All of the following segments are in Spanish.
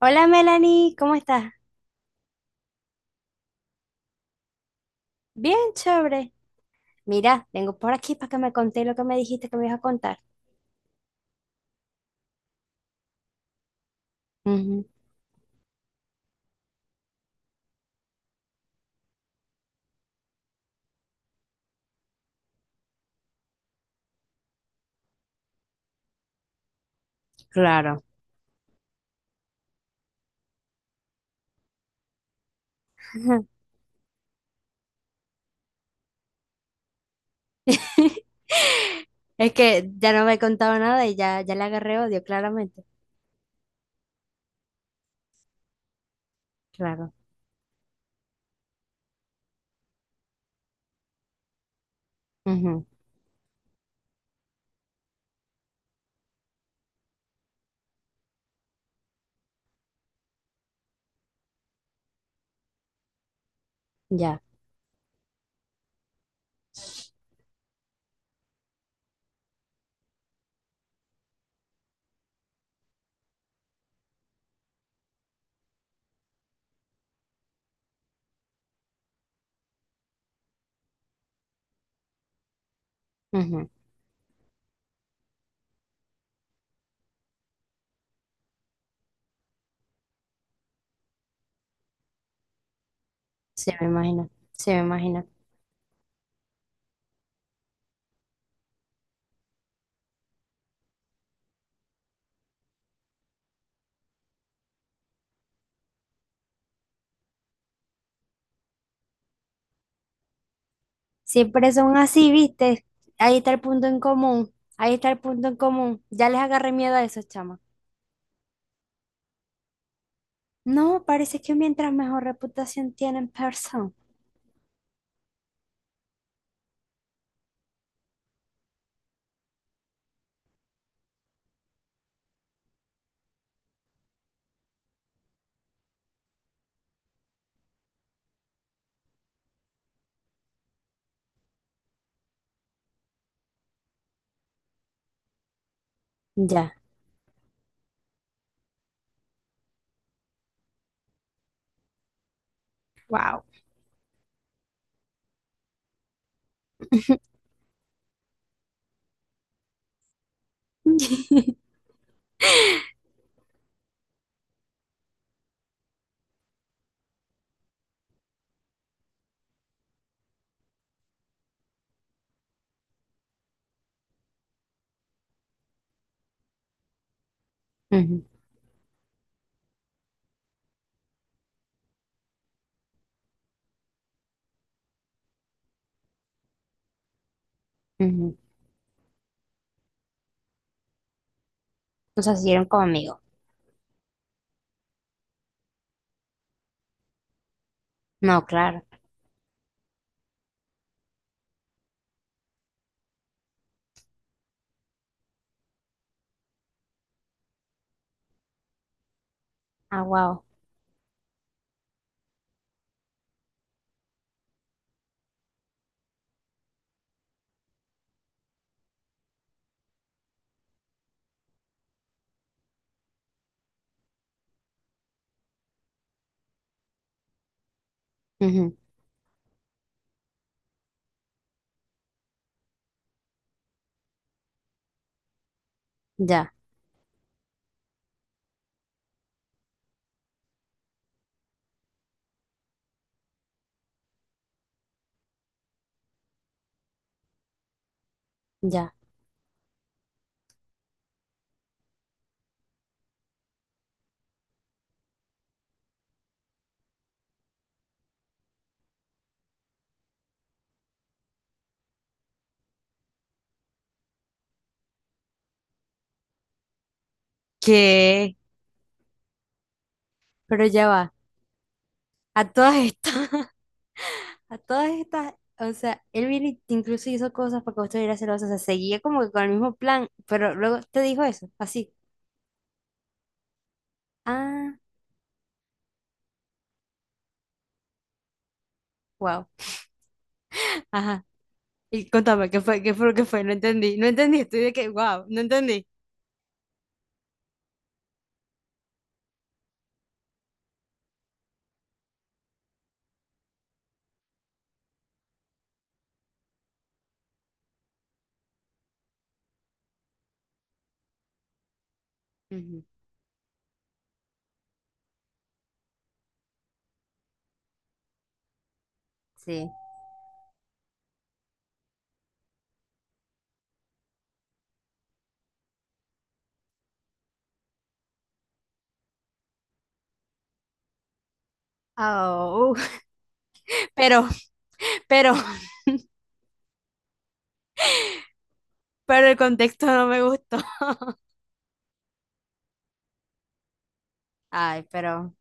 Hola Melanie, ¿cómo estás? Bien, chévere. Mira, vengo por aquí para que me conté lo que me dijiste que me ibas a contar. Ujú, claro. Es que ya no me he contado nada y ya, ya le agarré odio, claramente. Claro. Ujú, ya. Ujú. Sí, me imagino. Sí, me imagino. Siempre son así, ¿viste? Ahí está el punto en común. Ahí está el punto en común. Ya les agarré miedo a esos chamos. No, parece que mientras mejor reputación tienen, persona. Ya. Wow. Ujú. O sea, siguieron conmigo. No, claro. Ah, wow. Ujú. Ya, ya. ¿Qué? Pero ya va. A todas estas, a todas estas, o sea, él viene y te incluso hizo cosas para que vos estuvieras celosa. O sea, seguía como que con el mismo plan, pero luego te dijo eso, así. Ah, wow. Ajá. Y contame, ¿qué fue? ¿Qué fue lo que fue? No entendí. No entendí. Estoy de que, wow, no entendí. Ujú. Sí. Oh, pero, pero, pero el contexto no me gustó. Ay, pero,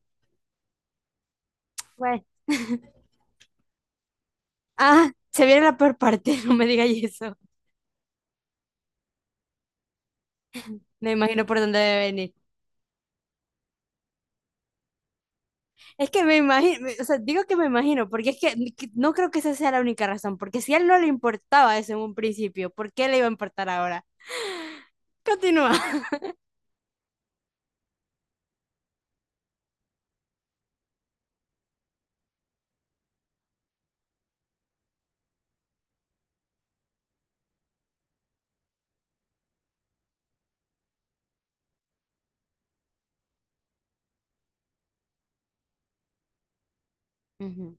bueno. Ah, se viene la peor parte, no me digas eso. Me imagino por dónde debe venir. Es que me imagino, o sea, digo que me imagino, porque es que ni- que- no creo que esa sea la única razón, porque si a él no le importaba eso en un principio, ¿por qué le iba a importar ahora? Continúa. Ujú.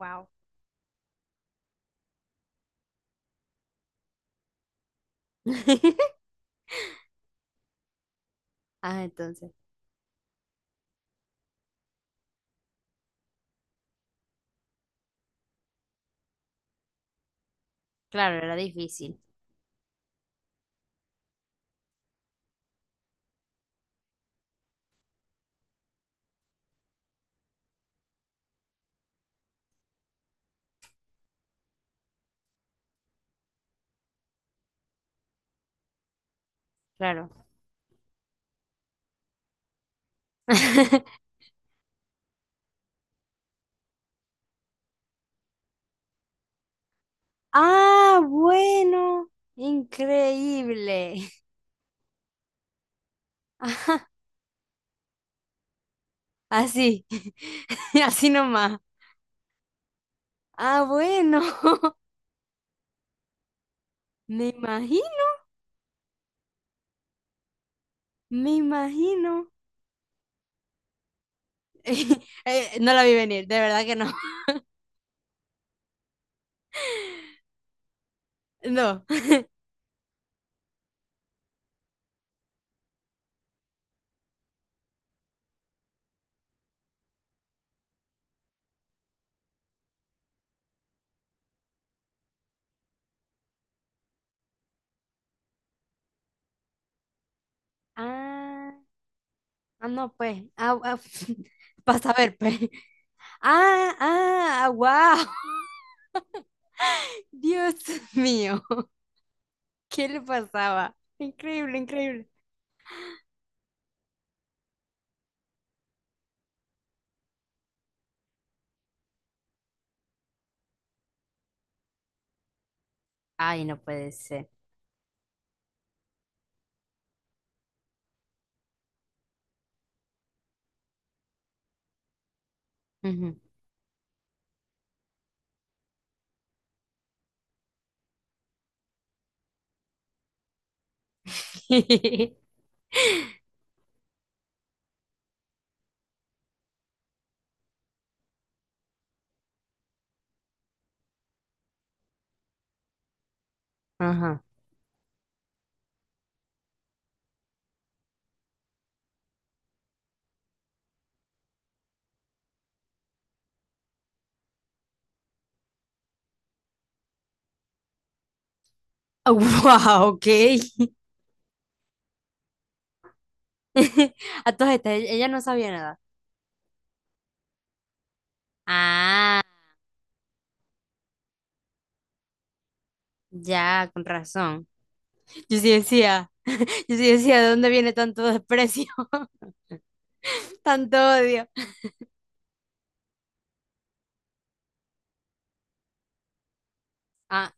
Wow. Ah, entonces, claro, era difícil, claro. Ah, bueno, increíble. Ajá, así, así nomás. Ah, bueno, me imagino. Me imagino. No la vi venir, de verdad que no. No. Ah, ah, no, pues. Ah, ah para saber, pues. Ah, ah, wow. Dios mío. ¿Qué le pasaba? Increíble, increíble. Ay, no puede ser. Ujú. Ajá. Wow, ok. A todas estas, ella no sabía nada. Ah, ya, con razón. Yo sí decía. Yo sí decía, ¿de dónde viene tanto desprecio? Tanto odio. Ah,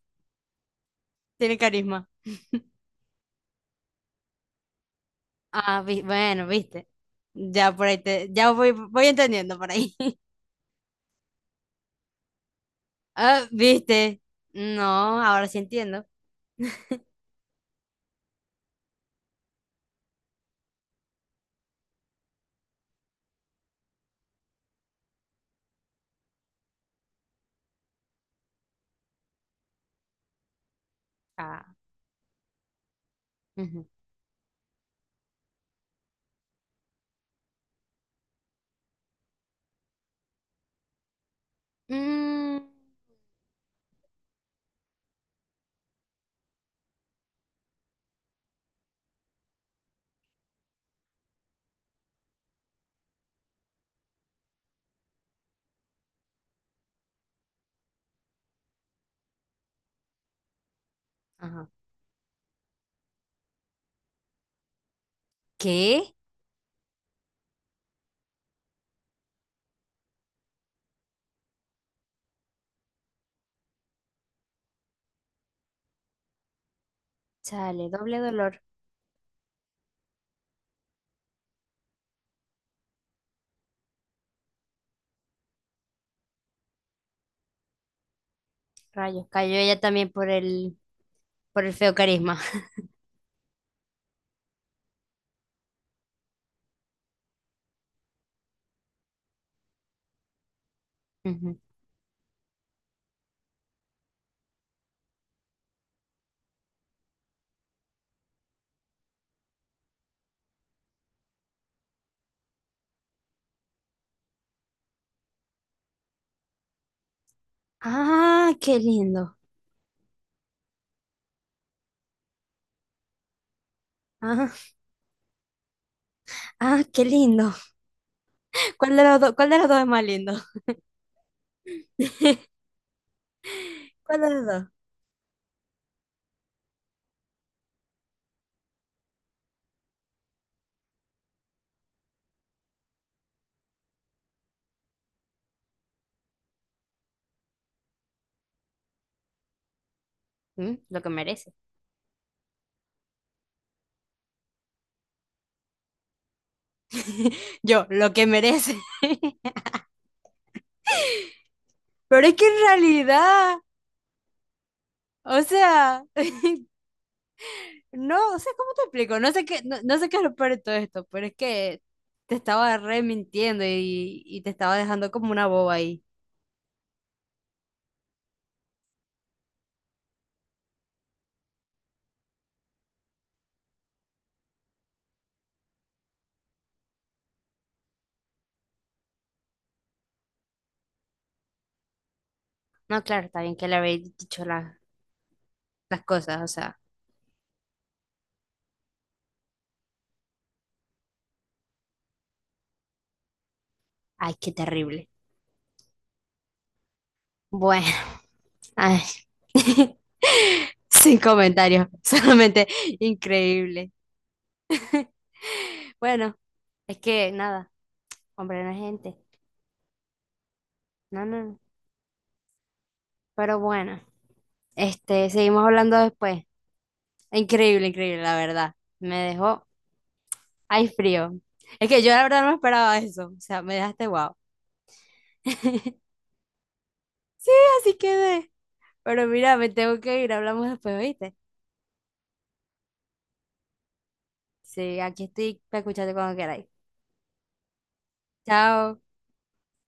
tiene carisma. Ah, vi- bueno, viste. Ya por ahí te, ya voy, voy entendiendo por ahí. Ah, viste. No, ahora sí entiendo. Ah, ujú. Mm, ajá. ¿Qué? Chale, doble dolor. Rayos, cayó ella también por el feo carisma. Ujú. Ah, qué lindo. Ah, ah, qué lindo. ¿Cuál de los dos, cuál de los dos es más lindo? ¿Cuál de los dos? Mm, lo que merece. Yo, lo que merece. Pero es que en realidad, o sea, no, o sea, ¿cómo te explico? No sé qué, no, no sé qué es lo peor de todo esto, pero es que te estaba re mintiendo y te estaba dejando como una boba ahí. No, claro, está bien que le habéis dicho la- las cosas, o sea, ay, qué terrible. Bueno, ay, sin comentarios, solamente increíble. Bueno, es que nada, hombre, no es gente. No, no, no. Pero bueno, este, seguimos hablando después. Increíble, increíble, la verdad. Me dejó, ay, frío. Es que yo la verdad no me esperaba eso. O sea, me dejaste guau. Así quedé. Pero mira, me tengo que ir. Hablamos después, ¿oíste? Sí, aquí estoy para escucharte cuando queráis. Chao.